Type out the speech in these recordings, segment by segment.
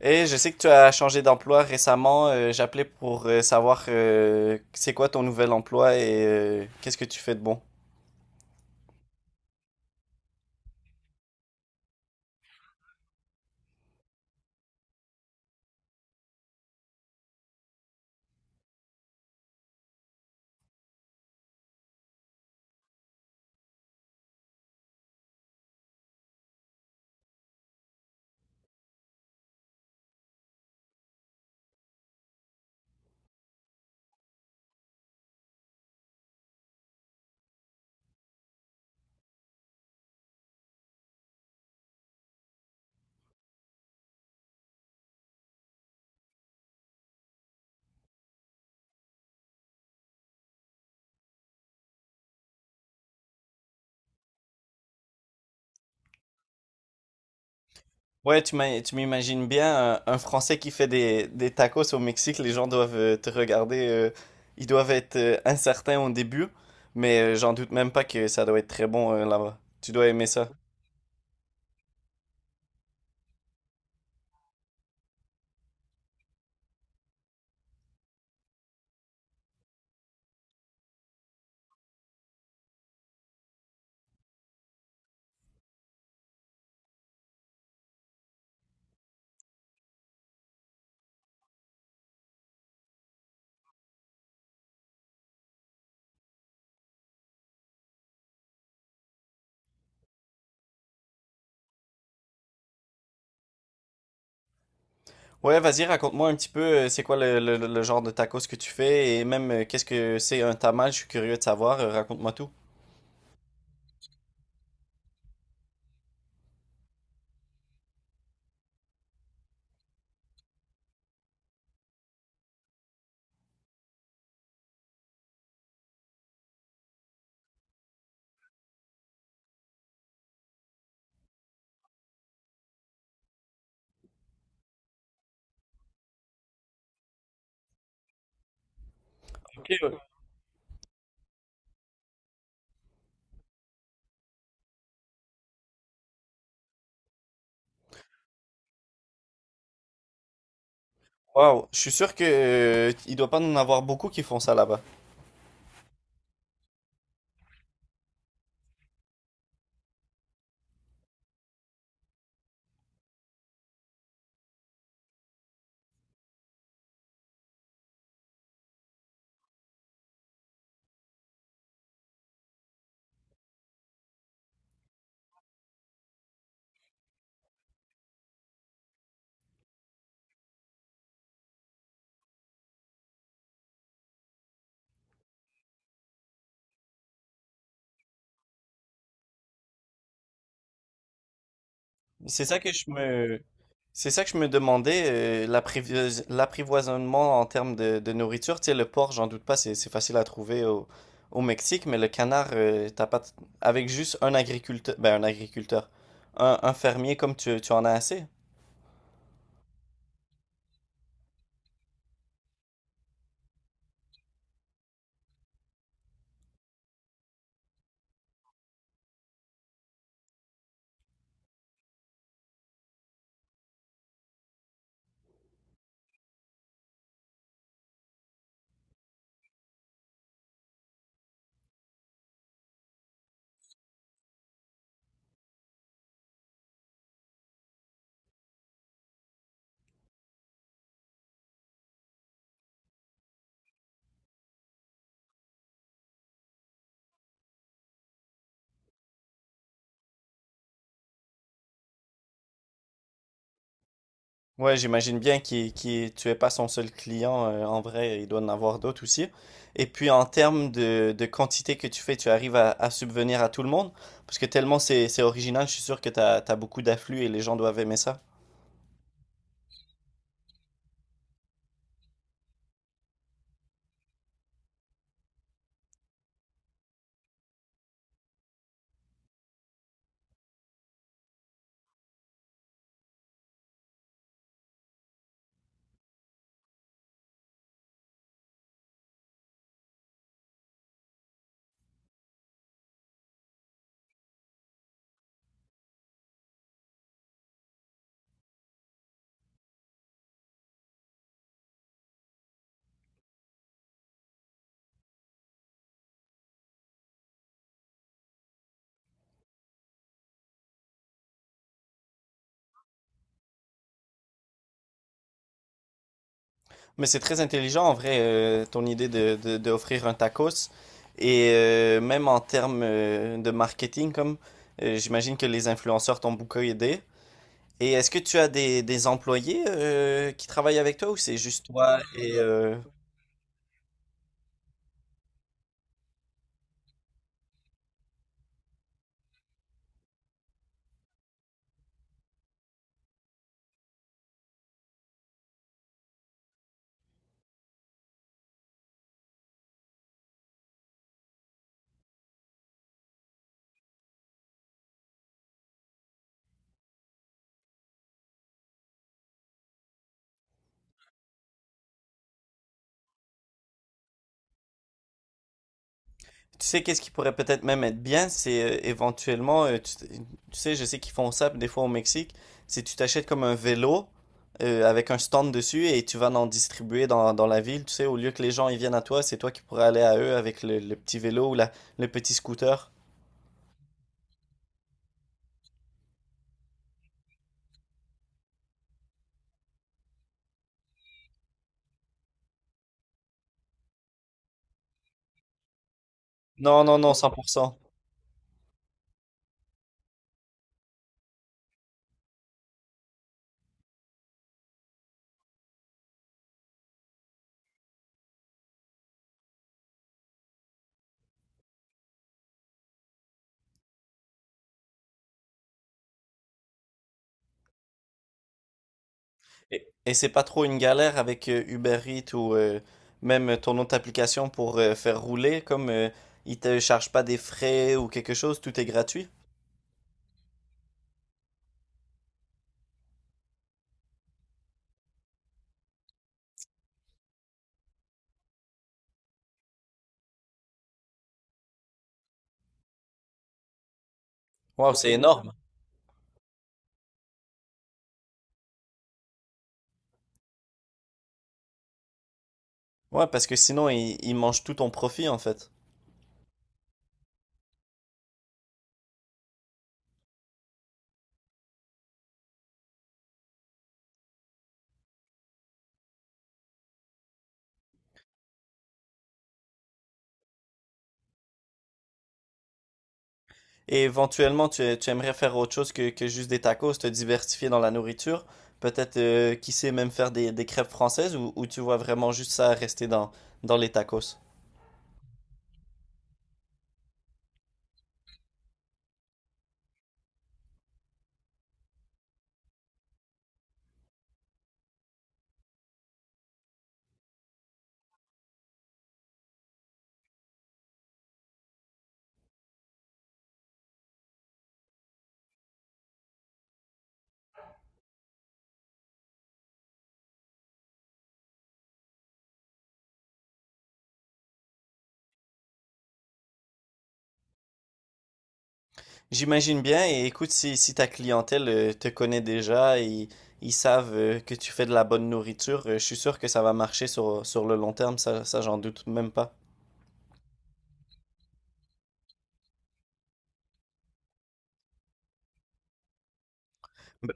Et je sais que tu as changé d'emploi récemment. J'appelais pour savoir c'est quoi ton nouvel emploi et qu'est-ce que tu fais de bon. Ouais, tu m'imagines bien un Français qui fait des tacos au Mexique. Les gens doivent te regarder. Ils doivent être incertains au début, mais j'en doute même pas que ça doit être très bon là-bas. Tu dois aimer ça. Ouais, vas-y, raconte-moi un petit peu c'est quoi le genre de tacos que tu fais et même qu'est-ce que c'est un tamal. Je suis curieux de savoir. Raconte-moi tout. Waouh, je suis sûr que il doit pas en avoir beaucoup qui font ça là-bas. C'est ça que je me, c'est ça que je me demandais, l'l'apprivoisonnement en termes de nourriture. Tu sais, le porc, j'en doute pas, c'est facile à trouver au Mexique, mais le canard, t'as pas, t- avec juste un agriculteur, ben un agriculteur, un fermier comme tu en as assez. Ouais, j'imagine bien tu es pas son seul client. En vrai, il doit en avoir d'autres aussi. Et puis, en termes de quantité que tu fais, tu arrives à subvenir à tout le monde? Parce que tellement c'est original, je suis sûr que tu as, beaucoup d'afflux et les gens doivent aimer ça. Mais c'est très intelligent, en vrai, ton idée d'offrir un tacos. Et même en termes de marketing, comme j'imagine que les influenceurs t'ont beaucoup aidé. Et est-ce que tu as des employés qui travaillent avec toi ou c'est juste toi et... Tu sais, qu'est-ce qui pourrait peut-être même être bien, c'est éventuellement, tu sais, je sais qu'ils font ça des fois au Mexique, c'est tu t'achètes comme un vélo avec un stand dessus et tu vas en distribuer dans la ville, tu sais, au lieu que les gens ils viennent à toi, c'est toi qui pourrais aller à eux avec le petit vélo ou le petit scooter. Non, non, non, 100%. Et c'est pas trop une galère avec Uber Eats ou même ton autre application pour faire rouler, comme ils te chargent pas des frais ou quelque chose, tout est gratuit. Waouh, c'est énorme. Ouais, parce que sinon, ils il mangent tout ton profit, en fait. Et éventuellement, tu aimerais faire autre chose que juste des tacos, te diversifier dans la nourriture. Peut-être, qui sait, même faire des crêpes françaises ou tu vois vraiment juste ça rester dans les tacos. J'imagine bien, et écoute, si ta clientèle te connaît déjà et ils savent que tu fais de la bonne nourriture, je suis sûr que ça va marcher sur le long terme, ça j'en doute même pas. Ben,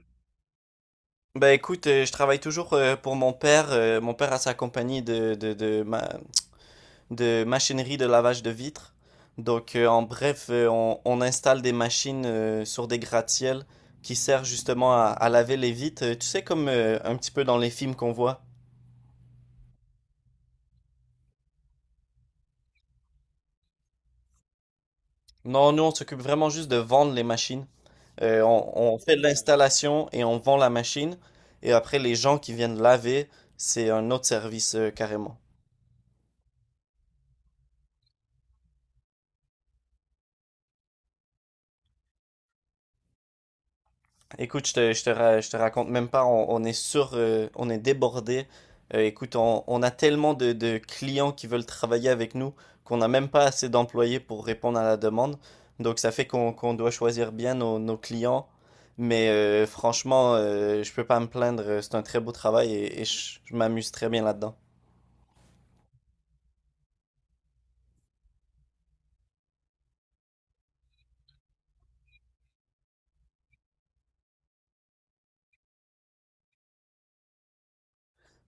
bah, écoute, je travaille toujours pour mon père. Mon père a sa compagnie de machinerie de lavage de vitres. Donc, en bref, on installe des machines sur des gratte-ciels qui servent justement à laver les vitres. Tu sais, comme un petit peu dans les films qu'on voit. Non, nous, on s'occupe vraiment juste de vendre les machines. On fait l'installation et on vend la machine. Et après, les gens qui viennent laver, c'est un autre service carrément. Écoute, je te raconte même pas, on est sur, on est débordé. Écoute, on a tellement de clients qui veulent travailler avec nous qu'on n'a même pas assez d'employés pour répondre à la demande. Donc ça fait qu'on doit choisir bien nos clients. Mais franchement, je peux pas me plaindre, c'est un très beau travail et, je m'amuse très bien là-dedans.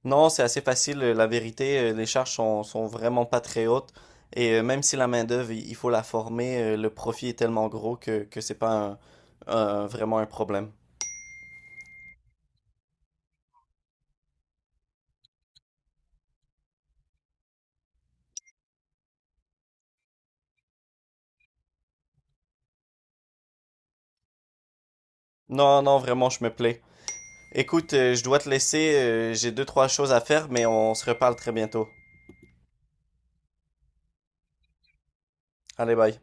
Non, c'est assez facile. La vérité, les charges sont vraiment pas très hautes. Et même si la main-d'œuvre, il faut la former, le profit est tellement gros que c'est pas vraiment un problème. Non, non, vraiment, je me plais. Écoute, je dois te laisser. J'ai deux, trois choses à faire, mais on se reparle très bientôt. Allez, bye.